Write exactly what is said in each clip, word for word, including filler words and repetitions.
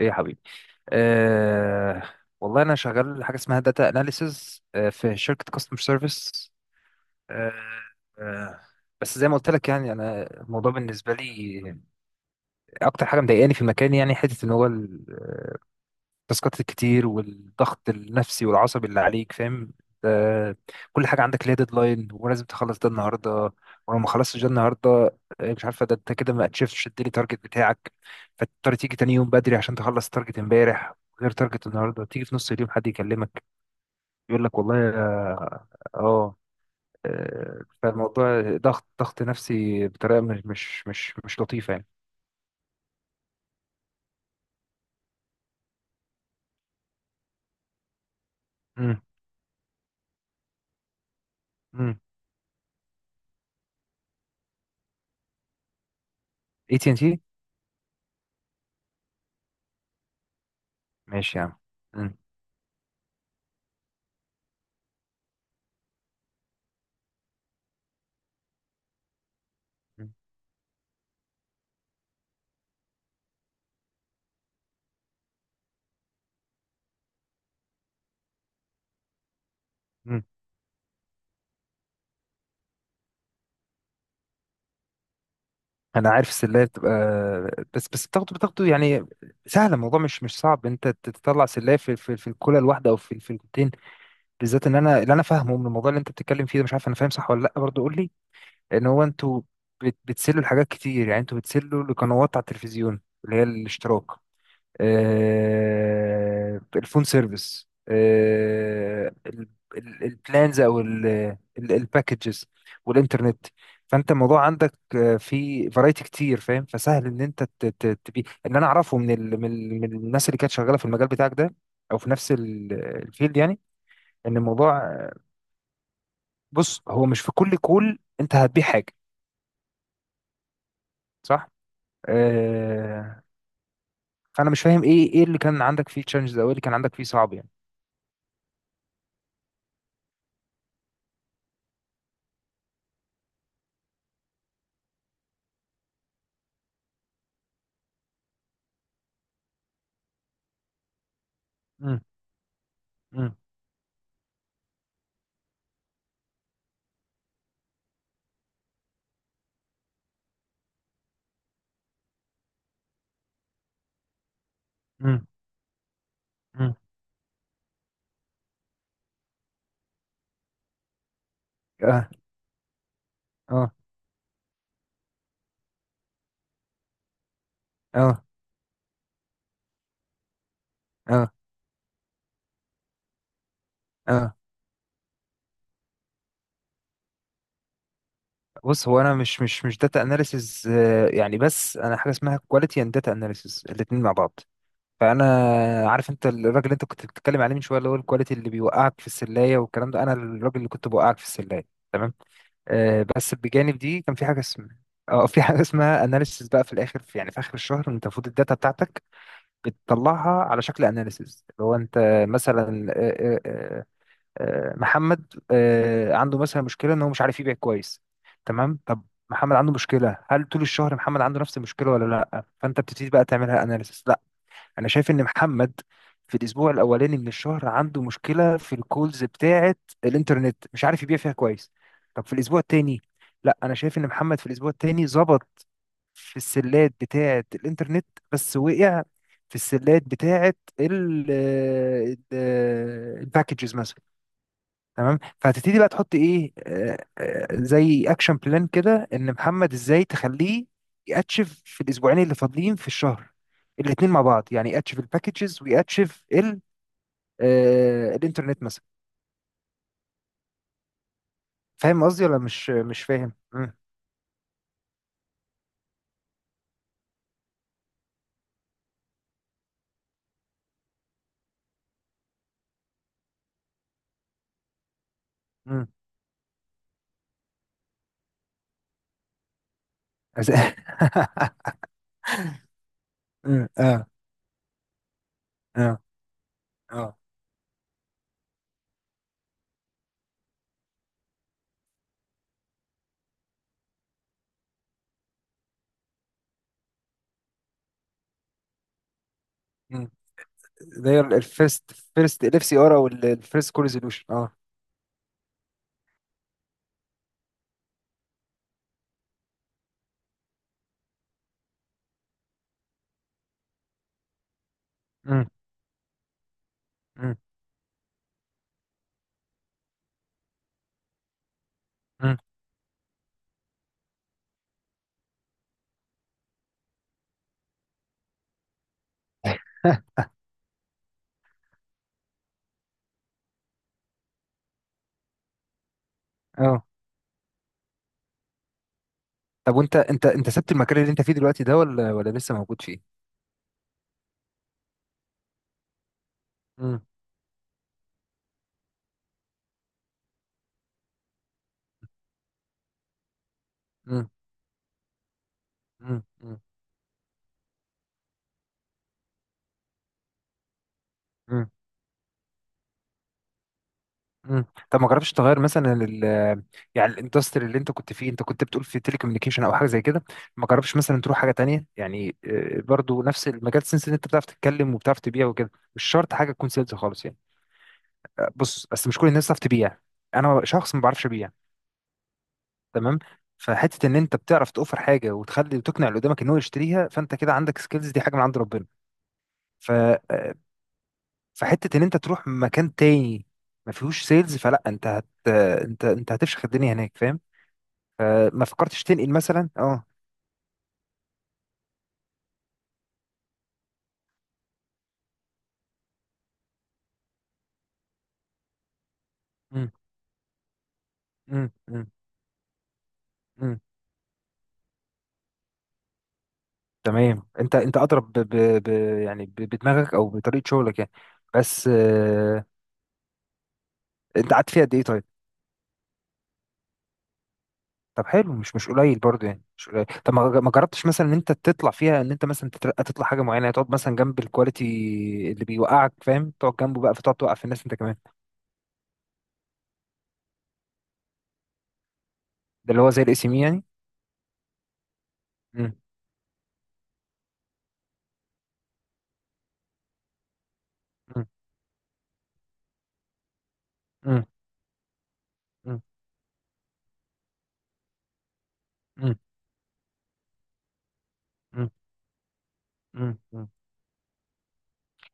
ايه يا حبيبي، أه. والله انا شغال حاجه اسمها داتا اناليسز في شركه كاستمر سيرفيس. أه. أه. بس زي ما قلت لك يعني، انا الموضوع بالنسبه لي اكتر حاجه مضايقاني في المكان، يعني حته ان هو التاسكات الكتير والضغط النفسي والعصبي اللي عليك، فاهم؟ ده كل حاجة عندك ليها ديدلاين ولازم تخلص ده النهاردة، ولو ما خلصتش ده النهاردة آه، مش عارفة ده انت كده ما اتشفتش الديلي تارجت بتاعك، فتضطر تيجي تاني يوم بدري عشان تخلص تارجت امبارح، غير تارجت النهاردة تيجي في نص اليوم حد يكلمك يقول لك والله اه. آه، آه، فالموضوع ضغط ضغط نفسي بطريقة مش مش مش مش لطيفة يعني. امم امم اي تي ان تي. ماشي يا عم. مم. مم. انا عارف السلايه بتبقى بس بس بتاخده بتاخده يعني، سهل الموضوع مش مش صعب. انت تطلع سلايه في في, في الكولا الواحده، او في في الكوتين، بالذات ان انا اللي انا فاهمه من الموضوع اللي انت بتتكلم فيه ده. مش عارف انا فاهم صح ولا لا، برضه قول لي. ان هو انتوا بت- بتسلوا لحاجات كتير، يعني انتوا بتسلوا لقنوات على التلفزيون اللي هي الاشتراك، آه، الفون سيرفيس، آه، ال- ال- البلانز او الباكجز والانترنت. فانت الموضوع عندك آه، في فرايتي كتير فاهم، فسهل ان انت ت- ت- تبي. اللي انا اعرفه من ال... من ال- من الناس اللي كانت شغاله في المجال بتاعك ده، او في نفس ال- الفيلد يعني، ان الموضوع، بص هو مش في كل كول انت هتبيع حاجه، صح؟ آه، فانا مش فاهم ايه ايه اللي كان عندك فيه تشالنجز او ايه اللي كان عندك فيه صعب يعني. مم. مم. مم. مم. اه. اه. اه. اه. اه. بص هو انا مش مش مش داتا اناليسز يعني، بس انا حاجه اسمها كواليتي اند داتا اناليسز الاثنين مع بعض. فانا عارف انت الراجل اللي انت كنت بتتكلم عليه من شويه اللي هو الكواليتي اللي بيوقعك في السلايه والكلام ده، انا الراجل اللي كنت بوقعك في السلايه، تمام. آه، بس بجانب دي كان في حاجه اسمها، اه في حاجه اسمها اناليسز، بقى في الاخر، في يعني في اخر الشهر انت المفروض الداتا بتاعتك بتطلعها على شكل اناليسز، اللي هو انت مثلا، آه، آه، آه، آه، محمد آه، عنده مثلا مشكله ان هو مش عارف يبيع كويس، تمام؟ طب محمد عنده مشكله، هل طول الشهر محمد عنده نفس المشكله ولا لا؟ فانت بتبتدي بقى تعملها اناليسيس. لا، انا شايف ان محمد في الاسبوع الاولاني من الشهر عنده مشكله في الكولز بتاعه، الانترنت مش عارف يبيع فيها كويس. طب في الاسبوع التاني، لا، انا شايف ان محمد في الاسبوع التاني ظبط في السلات بتاعه الانترنت، بس وقع في السلات بتاعه الباكجز مثلا. تمام، فهتبتدي بقى تحط ايه آه، آه، زي اكشن بلان كده، ان محمد ازاي تخليه ياتشف في الاسبوعين اللي فاضلين في الشهر الاتنين مع بعض، يعني ياتشف الباكجز وياتشف ال آه، الانترنت مثلا. فاهم قصدي ولا مش مش فاهم؟ مم، مم. أز- مم. اه. اه. اه. مم. ده هي الفيرست فيرست ال اف سي ار، او الفيرست كول ريزولوشن، اه. مم. مم. مم. اه. طب، وانت انت انت سبت المكان اللي انت فيه دلوقتي ده ولا ولا لسه موجود فيه؟ مم. مم. مم. مم. مم. طب، ما جربتش تغير مثلا ال يعني الاندستري اللي انت كنت فيه، انت كنت بتقول في تليكوميونيكيشن او حاجه زي كده. ما جربتش مثلا تروح حاجه تانية يعني، آه، برضو نفس المجال، سنس ان انت بتعرف تتكلم وبتعرف تبيع وكده، مش شرط حاجه تكون سيلز خالص يعني. آه، بص، بس مش كل الناس بتعرف تبيع، انا شخص ما بعرفش ابيع، تمام؟ فحته ان انت بتعرف توفر حاجه وتخلي وتقنع اللي قدامك ان هو يشتريها، فانت كده عندك سكيلز، دي حاجه من عند ربنا. ف آه، فحته ان انت تروح مكان تاني ما فيهوش سيلز، فلا انت هت، انت انت هتفشخ الدنيا هناك، فاهم؟ فما فكرتش تنقل مثلا اه مم. مم. مم. مم. تمام، انت انت اضرب ب... ب... ب... يعني ب... بدماغك او بطريقه شغلك يعني، بس آه، انت قعدت فيها قد ايه طيب؟ طب حلو، مش مش قليل برضه يعني، مش قليل. طب ما ما جربتش مثلا ان انت تطلع فيها، ان انت مثلا تترقى تطلع حاجه معينه، يعني تقعد مثلا جنب الكواليتي اللي بيوقعك فاهم، تقعد جنبه بقى فتقعد توقع في الناس انت كمان. ده اللي هو زي الاسم يعني. مم. مم. مم. مم. مم. مم. مم.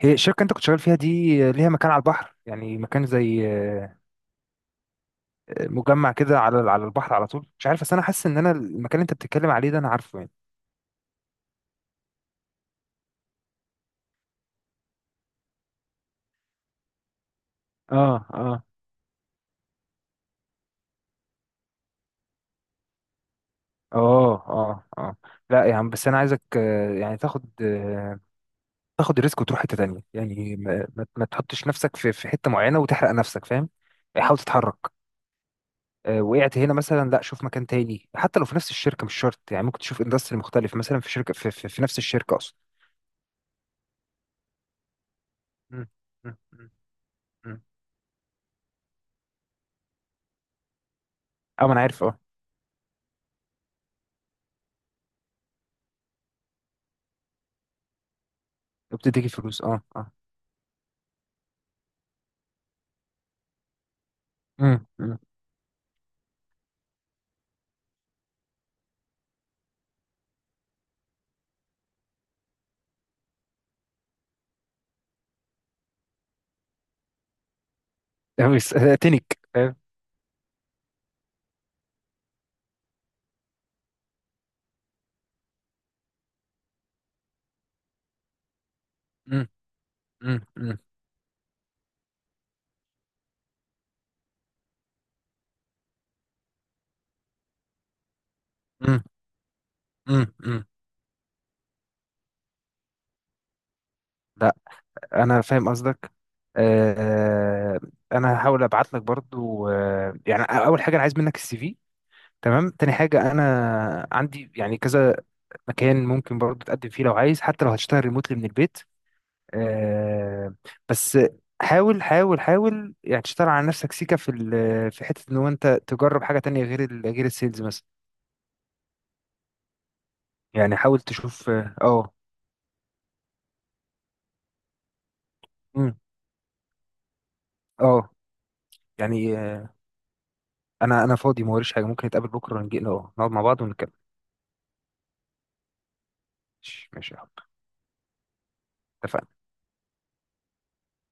هي الشركة انت كنت شغال فيها دي آه، ليها مكان على البحر؟ يعني مكان زي آه، آه، مجمع كده على على البحر على طول؟ مش عارف، بس انا حاسس ان انا المكان اللي انت بتتكلم عليه ده انا عارفه يعني. اه. اه. اه. اه. اه. لا يا عم، بس انا عايزك آه، يعني تاخد آه، تاخد الريسك وتروح حتة تانية يعني، ما, ما ما تحطش نفسك في في حتة معينة وتحرق نفسك، فاهم؟ يعني حاول تتحرك. آه، وقعت هنا مثلا، لا شوف مكان تاني، حتى لو في نفس الشركة مش شرط يعني، ممكن تشوف اندستري مختلف مثلا، في شركة في, في, في نفس الشركة. مم. مم. مم. مم. اه، ما انا عارف، اه. بتديكي فلوس، اه. اه. مم. مم. أوي، س- تنك فاهم. مم. مم. مم. مم. مم. مم. لا، انا فاهم قصدك. آه. انا هحاول ابعت لك برضو، آه يعني اول حاجه انا عايز منك السي في، تمام. تاني حاجه انا عندي يعني كذا مكان ممكن برضو تقدم فيه لو عايز، حتى لو هتشتغل ريموتلي من البيت. آه بس حاول حاول حاول يعني، تشتغل على نفسك سيكا في ال- في حتة ان هو انت تجرب حاجة تانية غير ال- غير السيلز مثلا، يعني حاول تشوف. اه. اه. مم. آه. يعني آه، انا انا فاضي، ما وريش حاجة، ممكن نتقابل بكرة ونجي اه نقعد مع بعض ونتكلم. ماشي ماشي يا حب. اتفقنا